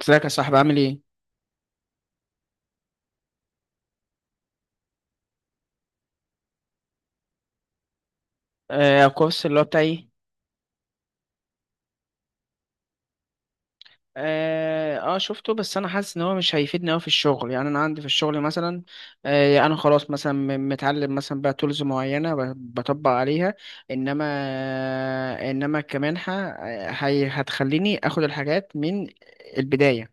ازيك يا صاحبي، عامل ايه؟ آه، الكورس اللي هو بتاعي. شفته، بس انا حاسس ان هو مش هيفيدني قوي في الشغل. يعني انا عندي في الشغل مثلا. انا خلاص مثلا متعلم مثلا بقى تولز معينة، بطبق عليها. انما، انما كمنحة هي هتخليني اخد الحاجات من البداية.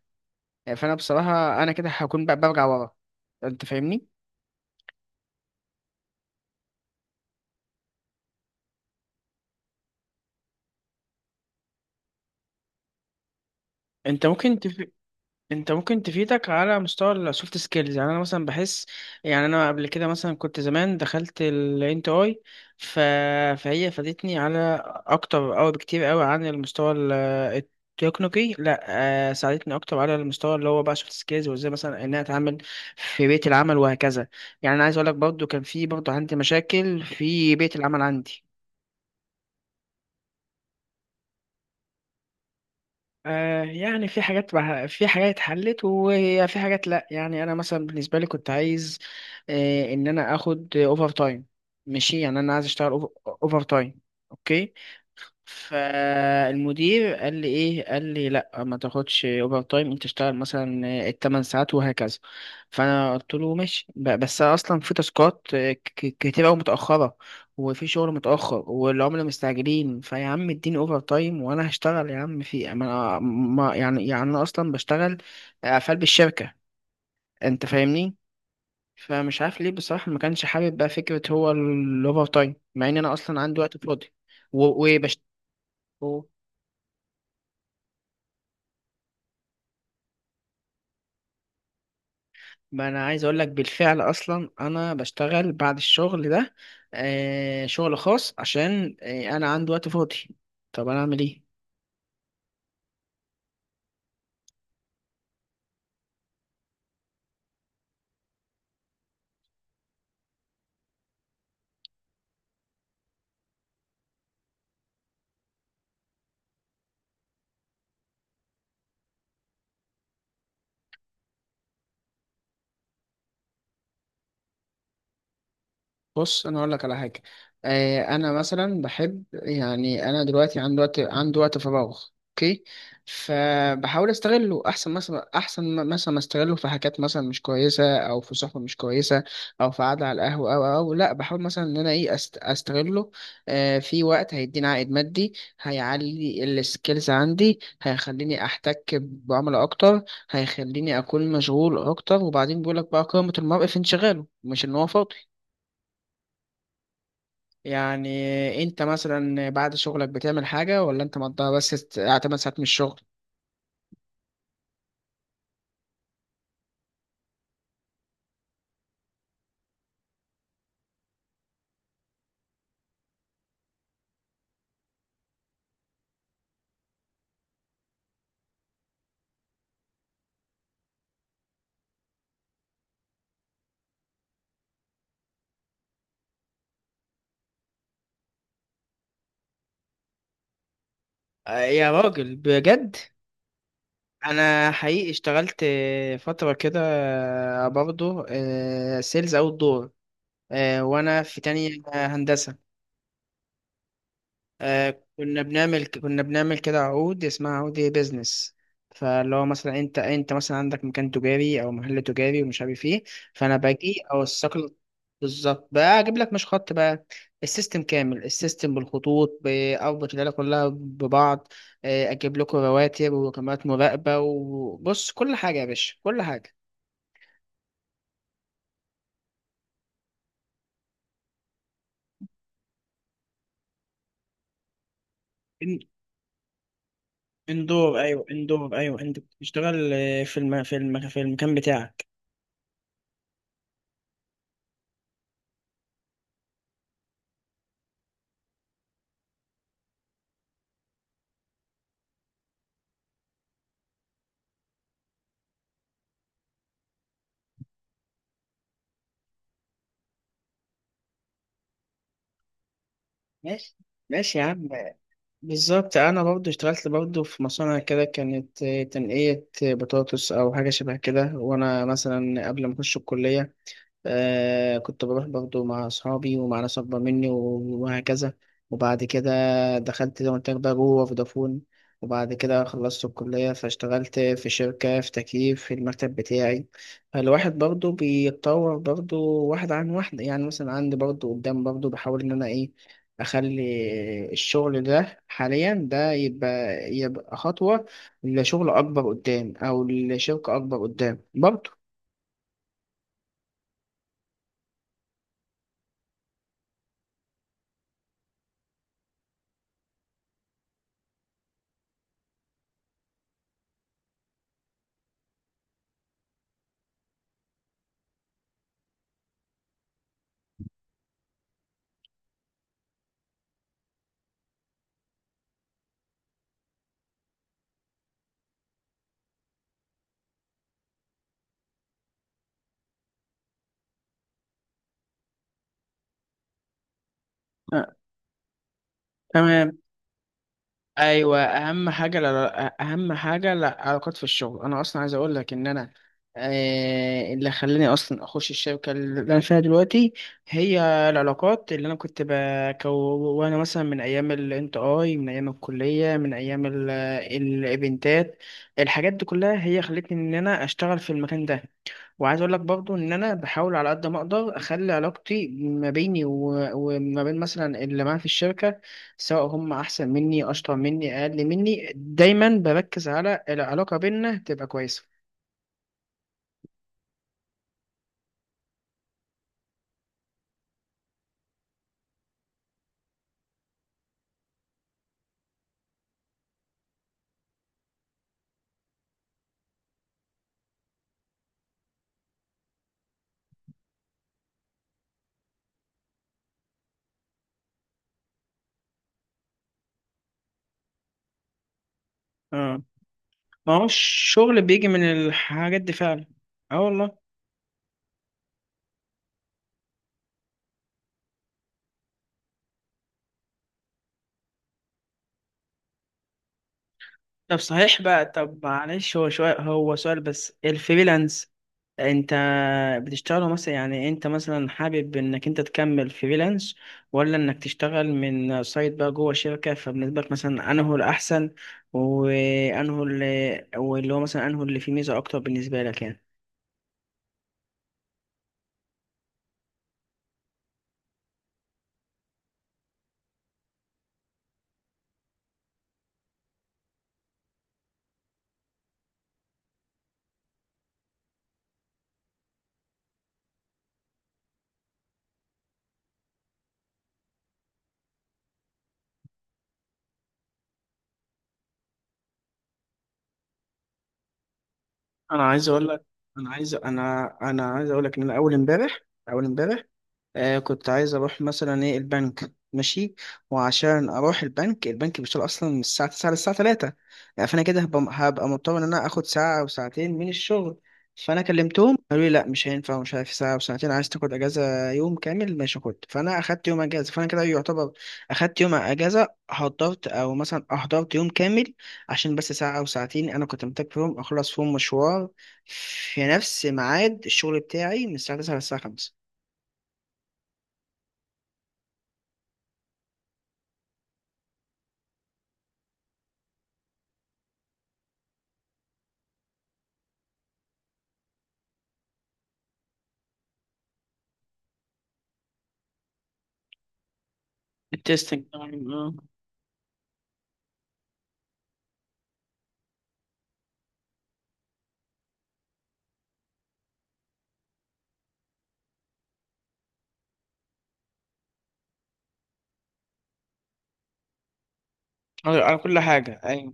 فانا بصراحة انا كده هكون بقى برجع ورا. انت فاهمني؟ انت ممكن تف... انت ممكن تفيدك على مستوى السوفت سكيلز. يعني انا مثلا بحس، يعني انا قبل كده مثلا كنت زمان دخلت الانت اي. ف... فهي فادتني على اكتر او بكتير قوي عن المستوى التكنيكي. لا، ساعدتني اكتر على المستوى اللي هو بقى سوفت سكيلز، وازاي مثلا ان انا اتعامل في بيئة العمل وهكذا. يعني انا عايز اقول لك برضو كان في برضو عندي مشاكل في بيئة العمل عندي. يعني في في حاجات اتحلت وفي حاجات لا. يعني انا مثلا بالنسبه لي كنت عايز ان انا اخد اوفر تايم. ماشي، يعني انا عايز اشتغل اوفر تايم، اوكي. فالمدير قال لي ايه؟ قال لي لا، ما تاخدش اوفر تايم، انت تشتغل مثلا الثمان ساعات وهكذا. فانا قلت له ماشي، بس أنا اصلا في تاسكات كتير قوي متاخره، وفي شغل متاخر والعملاء مستعجلين فيا. عم اديني اوفر تايم وانا هشتغل، يا عم. في ما أنا- ما- يعني انا اصلا بشتغل قفل بالشركه. انت فاهمني؟ فمش عارف ليه بصراحه، ما كانش حابب بقى فكره هو الاوفر تايم، مع ان انا اصلا عندي وقت فاضي و- وبشت ما انا عايز اقول لك بالفعل اصلا انا بشتغل بعد الشغل ده شغل خاص، عشان انا عندي وقت فاضي. طب انا اعمل ايه؟ بص، انا اقول لك على حاجه. انا مثلا بحب، يعني انا دلوقتي عندي وقت، عندي وقت فراغ، اوكي. فبحاول استغله احسن، مثلا احسن مثلا ما استغله في حاجات مثلا مش كويسه، او في صحبه مش كويسه، او في قعده على القهوه، او لا، بحاول مثلا ان انا ايه استغله في وقت هيديني عائد مادي، هيعلي السكيلز عندي، هيخليني احتك بعملاء اكتر، هيخليني اكون مشغول اكتر. وبعدين بيقول لك بقى، قيمه المرء في انشغاله مش ان هو فاضي. يعني انت مثلا بعد شغلك بتعمل حاجة، ولا انت مقضيها بس 8 ساعات من الشغل؟ يا راجل بجد، انا حقيقي اشتغلت فتره كده، برضه سيلز اوت دور، وانا في تانية هندسه. كنا بنعمل كده عقود، اسمها عقود ايه، بيزنس. فاللي هو مثلا، انت مثلا عندك مكان تجاري او محل تجاري ومش عارف ايه، فانا باجي اوثق لك. بالظبط، بقى اجيب لك مش خط بقى، السيستم كامل، السيستم بالخطوط، باربط العيله كلها ببعض. اجيب لكم رواتب وكاميرات مراقبه، وبص كل حاجه يا باشا، كل حاجه. إن- اندور، ايوه، اندور، ايوه، انت بتشتغل في في المكان بتاعك. ماشي، ماشي يا عم. بالظبط، انا برضو اشتغلت برضو في مصانع كده، كانت تنقية بطاطس او حاجة شبه كده. وانا مثلا قبل ما اخش الكلية كنت بروح برضو مع أصحابي ومع ناس أكبر مني وهكذا. وبعد كده دخلت زي ما قلت لك بقى جوه فودافون. وبعد كده خلصت الكلية، فاشتغلت في شركة في تكييف في المكتب بتاعي. فالواحد برضو بيتطور برضو واحدة عن واحدة. يعني مثلا عندي برضو قدام، برضو بحاول إن أنا إيه، أخلي الشغل ده حاليا ده يبقى، يبقى خطوة لشغل أكبر قدام أو لشركة أكبر قدام برضو. آه، تمام. ايوه، اهم حاجه، لا، اهم حاجه العلاقات في الشغل. انا اصلا عايز اقول لك ان انا اللي خلاني اصلا اخش الشركه اللي انا فيها دلوقتي هي العلاقات اللي انا كنت بكونها مثلا من ايام الانت اي، من ايام الكليه، من ايام الايفنتات. الحاجات دي كلها هي خلتني ان انا اشتغل في المكان ده. وعايز اقول لك برضو ان انا بحاول على قد ما اقدر اخلي علاقتي ما بيني وما بين مثلا اللي معايا في الشركه، سواء هم احسن مني، اشطر مني، اقل مني، دايما بركز على العلاقه بيننا تبقى كويسه. اه، ما هو الشغل بيجي من الحاجات دي فعلا. اه والله. طب صحيح بقى، طب معلش، هو شوية، هو سؤال بس، الفريلانس انت بتشتغله مثلا؟ يعني انت مثلا حابب انك انت تكمل فريلانس، ولا انك تشتغل من سايت بقى جوه شركة؟ فبالنسبة لك مثلا انه الاحسن، وانه اللي هو مثلا انه اللي فيه ميزة اكتر بالنسبة لك يعني. انا عايز اقول لك انا عايز اقول لك ان انا اول امبارح، اول امبارح كنت عايز اروح مثلا ايه البنك، ماشي. وعشان اروح البنك، البنك بيشتغل اصلا من الساعه 9 للساعه 3. يعني فانا كده هبقى مضطر ان انا اخد ساعه او ساعتين من الشغل. فانا كلمتهم قالوا لي لا، مش هينفع، ومش عارف، ساعه او ساعتين عايز تاخد اجازه يوم كامل، ماشي خد. فانا اخدت يوم اجازه، فانا كده يعتبر اخدت يوم اجازه، حضرت او مثلا احضرت يوم كامل، عشان بس ساعه او ساعتين انا كنت محتاج فيهم اخلص فيهم مشوار في نفس ميعاد الشغل بتاعي من الساعه 9 للساعه 5. التستنج، اه. على، على كل حاجة، أيوة.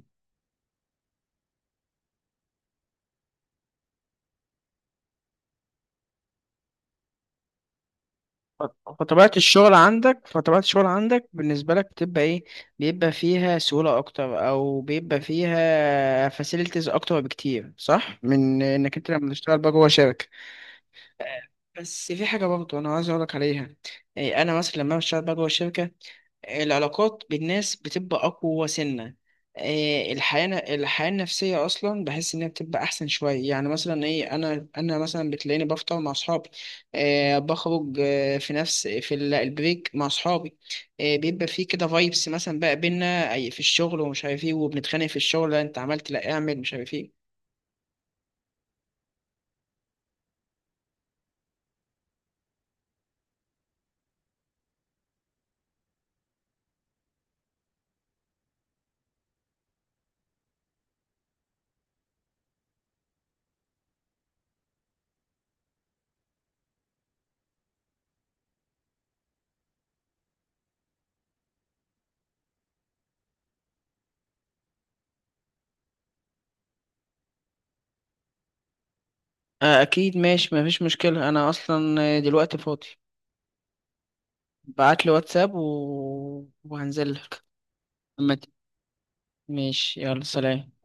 ف- فطبيعة الشغل عندك بالنسبة لك بتبقى إيه؟ بيبقى فيها سهولة أكتر أو بيبقى فيها فاسيلتيز أكتر بكتير، صح؟ من إنك أنت لما تشتغل بقى جوه شركة. بس في حاجة برضه أنا عايز أقولك عليها، أنا مثلا لما بشتغل بقى جوه الشركة، العلاقات بالناس بتبقى أقوى سنة. الحياة، الحياة النفسية أصلا بحس إنها بتبقى أحسن شوية. يعني مثلا إيه، أنا مثلا بتلاقيني بفطر مع أصحابي، بخرج في نفس في البريك مع أصحابي. بيبقى في كده فايبس مثلا بقى بينا. في الشغل ومش عارف إيه، وبنتخانق في الشغل، لا أنت عملت، لا أعمل، مش عارف إيه. أكيد ماشي، مفيش مشكلة. أنا أصلا دلوقتي فاضي. بعتلي واتساب وهنزل لك. ماشي، يلا سلام.